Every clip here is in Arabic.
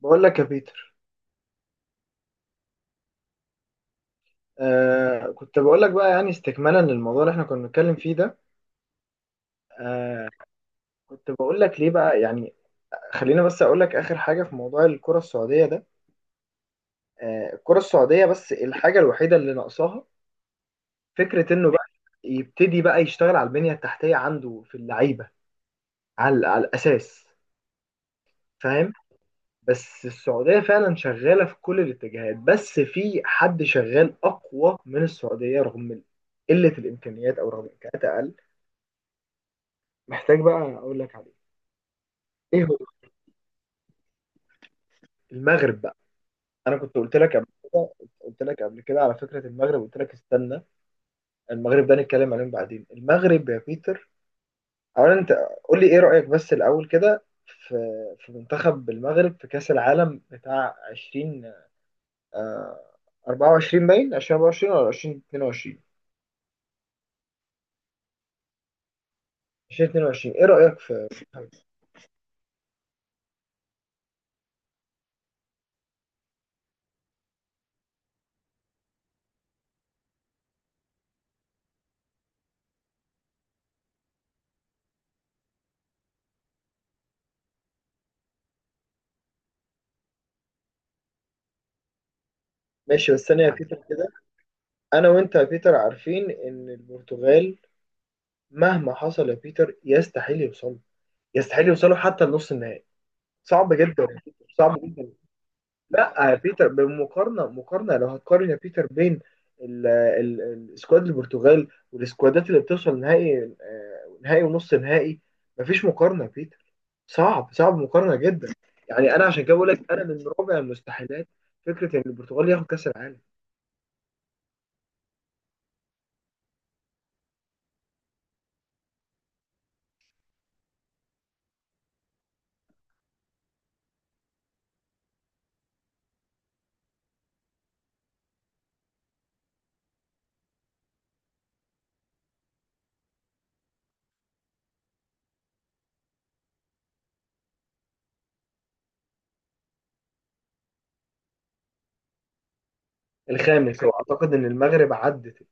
بقول لك يا بيتر. كنت بقول لك بقى، يعني استكمالا للموضوع اللي احنا كنا بنتكلم فيه ده. آه. كنت بقول لك ليه بقى يعني. خلينا بس اقول لك اخر حاجه في موضوع الكره السعوديه ده. آه، الكره السعوديه بس الحاجه الوحيده اللي ناقصاها فكره انه بقى يبتدي بقى يشتغل على البنيه التحتيه عنده في اللعيبه. على الاساس. فاهم؟ بس السعوديه فعلا شغاله في كل الاتجاهات، بس في حد شغال اقوى من السعوديه رغم قله الامكانيات او رغم الامكانيات اقل. محتاج بقى اقول لك عليه. ايه هو؟ المغرب بقى. انا كنت قلت لك قبل كده، قلت لك قبل كده على فكره المغرب، قلت لك استنى. المغرب ده نتكلم عليهم بعدين. المغرب يا بيتر، اولا انت قول لي ايه رايك بس الاول كده في، في منتخب المغرب في كاس العالم بتاع 20 آه 24، باين 2024 ولا 2022؟ 2022، ايه رايك في؟ ماشي، بس ثانيه يا بيتر كده. انا وانت يا بيتر عارفين ان البرتغال مهما حصل يا بيتر يستحيل يوصل، يستحيل يوصلوا حتى لنص النهائي. صعب جدا. صعب جدا. لا يا بيتر، بمقارنه لو هتقارن يا بيتر بين السكواد البرتغال والسكوادات اللي بتوصل نهائي، نهائي ونص نهائي، مفيش مقارنه يا بيتر. صعب صعب مقارنه جدا. يعني انا عشان كده بقول لك، انا من رابع المستحيلات فكره ان البرتغال ياخد كاس العالم. الخامس، واعتقد ان المغرب عدت.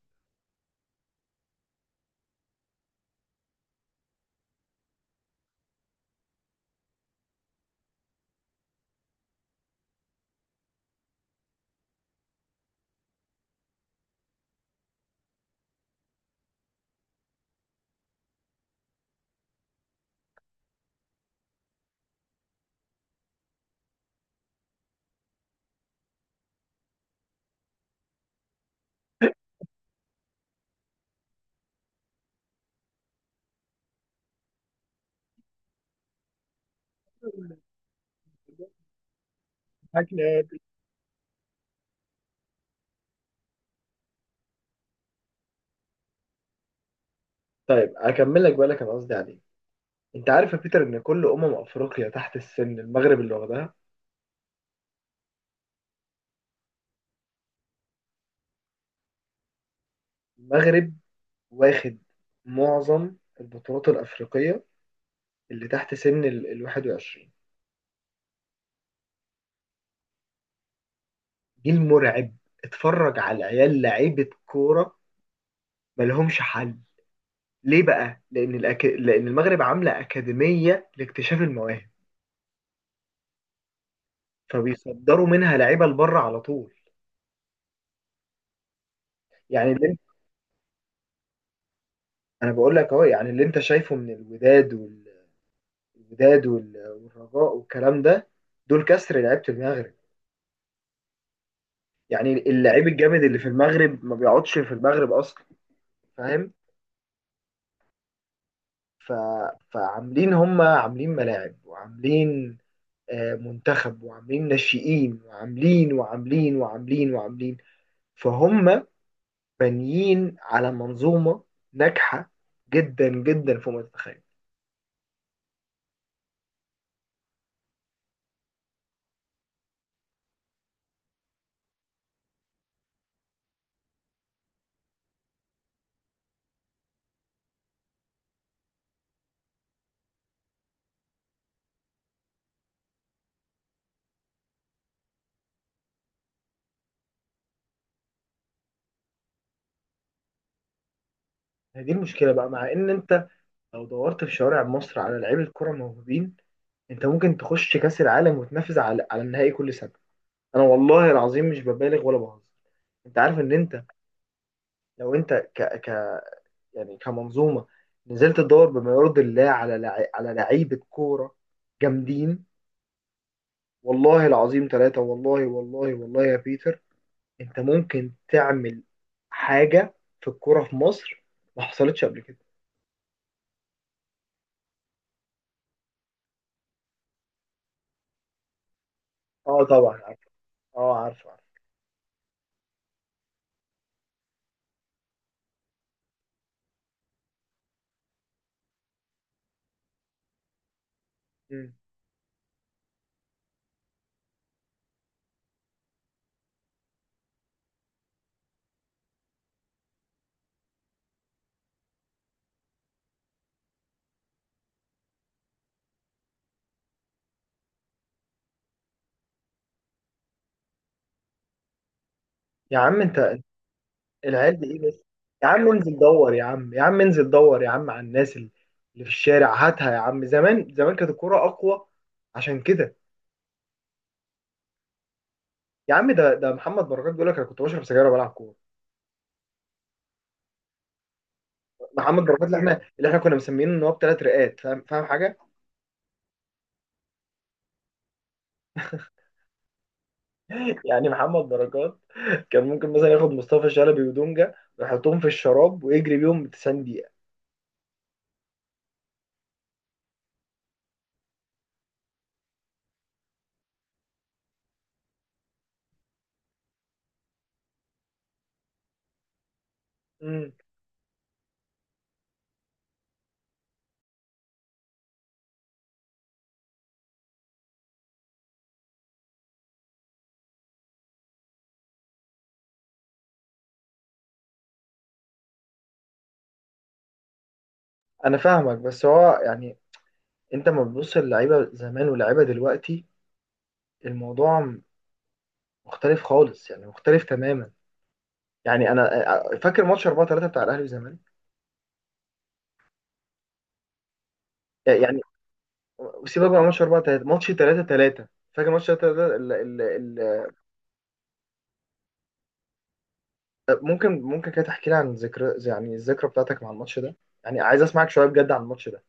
طيب اكمل لك بقى اللي كان قصدي عليه. انت عارف يا بيتر ان كل افريقيا تحت السن المغرب اللي واخدها. المغرب واخد معظم البطولات الأفريقية اللي تحت سن ال 21. جيل مرعب. اتفرج على العيال لعيبة كورة، ملهمش حل. ليه بقى؟ لأن المغرب عاملة أكاديمية لاكتشاف المواهب، فبيصدروا منها لعيبة لبره على طول. يعني اللي انت... أنا بقول لك أهو، يعني اللي أنت شايفه من الوداد والرجاء والكلام ده، دول كسر لعيبة المغرب. يعني اللعيب الجامد اللي في المغرب ما بيقعدش في المغرب أصلا. فاهم؟ ف... فعاملين، هم عاملين ملاعب وعاملين منتخب وعاملين ناشئين وعاملين وعاملين وعاملين وعاملين، فهم بانيين على منظومة ناجحة جدا جدا فوق ما تتخيل. هذه المشكلة بقى، مع ان انت لو دورت في شوارع مصر على لعيبة الكرة موهوبين، انت ممكن تخش كأس العالم وتنافس على النهائي كل سنة. انا والله العظيم مش ببالغ ولا بهزر. انت عارف ان انت، لو انت يعني كمنظومه نزلت تدور بما يرضي الله على لعيبه كوره جامدين، والله العظيم ثلاثه، والله والله والله يا بيتر، انت ممكن تعمل حاجه في الكوره في مصر ما حصلتش قبل كده. اه، طبعا عارف. اه، عارف عارف. مم. يا عم انت، العيال دي ايه بس؟ يا عم انزل دور يا عم، يا عم انزل دور يا عم على الناس اللي، اللي في الشارع، هاتها يا عم. زمان زمان كانت الكوره اقوى، عشان كده. يا عم، ده ده محمد بركات بيقول لك انا كنت بشرب سجاير وبلعب كوره. محمد بركات اللي احنا كنا مسمينه ان هو بثلاث رئات. فاهم؟ فاهم حاجه؟ يعني محمد بركات كان ممكن مثلا ياخد مصطفى شلبي ودونجا ويحطهم في الشراب ويجري بيهم 90 دقيقه. امم انا فاهمك، بس هو يعني انت لما بتبص للعيبه زمان واللعيبه دلوقتي، الموضوع مختلف خالص، يعني مختلف تماما. يعني انا فاكر ماتش 4-3 بتاع الاهلي والزمالك. يعني سيبك بقى من ماتش 4-3، ماتش 3-3. فاكر ماتش 3-3؟ طب ممكن كده تحكي لي عن ذكرى، يعني الذكرى بتاعتك مع الماتش ده؟ يعني عايز اسمعك شويه بجد عن الماتش ده.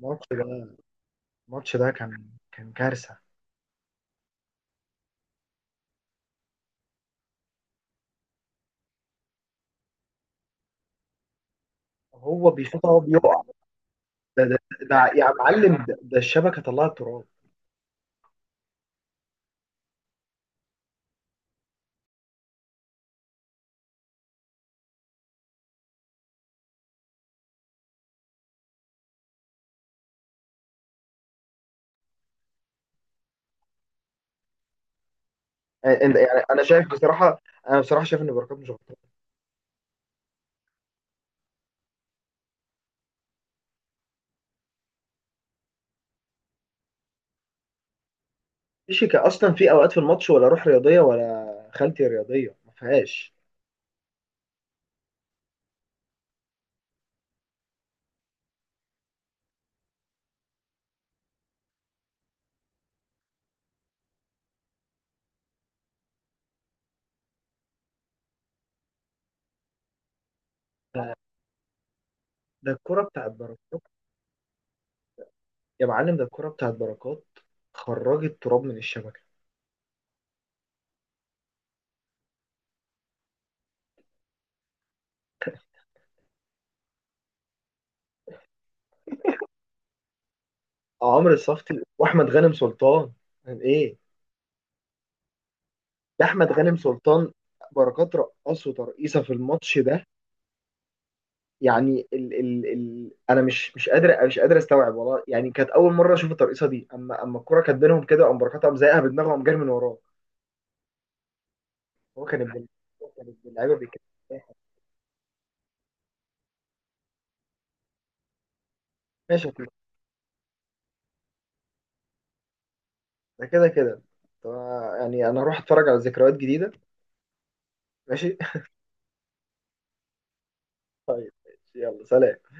الماتش ده، الماتش ده كان كارثه. هو بيشوط، هو بيقع. ده ده, ده يا معلم، ده الشبكه طلعت تراب. يعني انا شايف بصراحه، انا بصراحه شايف ان بركات مش غلطان. مفيش اصلا، في اوقات في الماتش ولا روح رياضيه ولا خالتي رياضيه ما فيهاش. ده الكره بتاعت بركات، يا معلم، ده الكره بتاعت بركات خرجت تراب من الشبكه. عمرو صفتي واحمد غانم سلطان، يعني ايه؟ ده احمد غانم سلطان. بركات رقصه ترقيصه في الماتش ده. يعني ال ال ال انا مش قادر، استوعب والله. يعني كانت اول مره اشوف الترقيصه دي. اما اما الكوره كانت بينهم كده، قام بركات قام زايقها بدماغه وقام جاري من وراه. هو كان ابن هو كان ابن اللعيبه بيتكلم. ماشي يا كوتش، ده كده كده. طب، يعني انا هروح اتفرج على ذكريات جديده. ماشي. يلا سلام.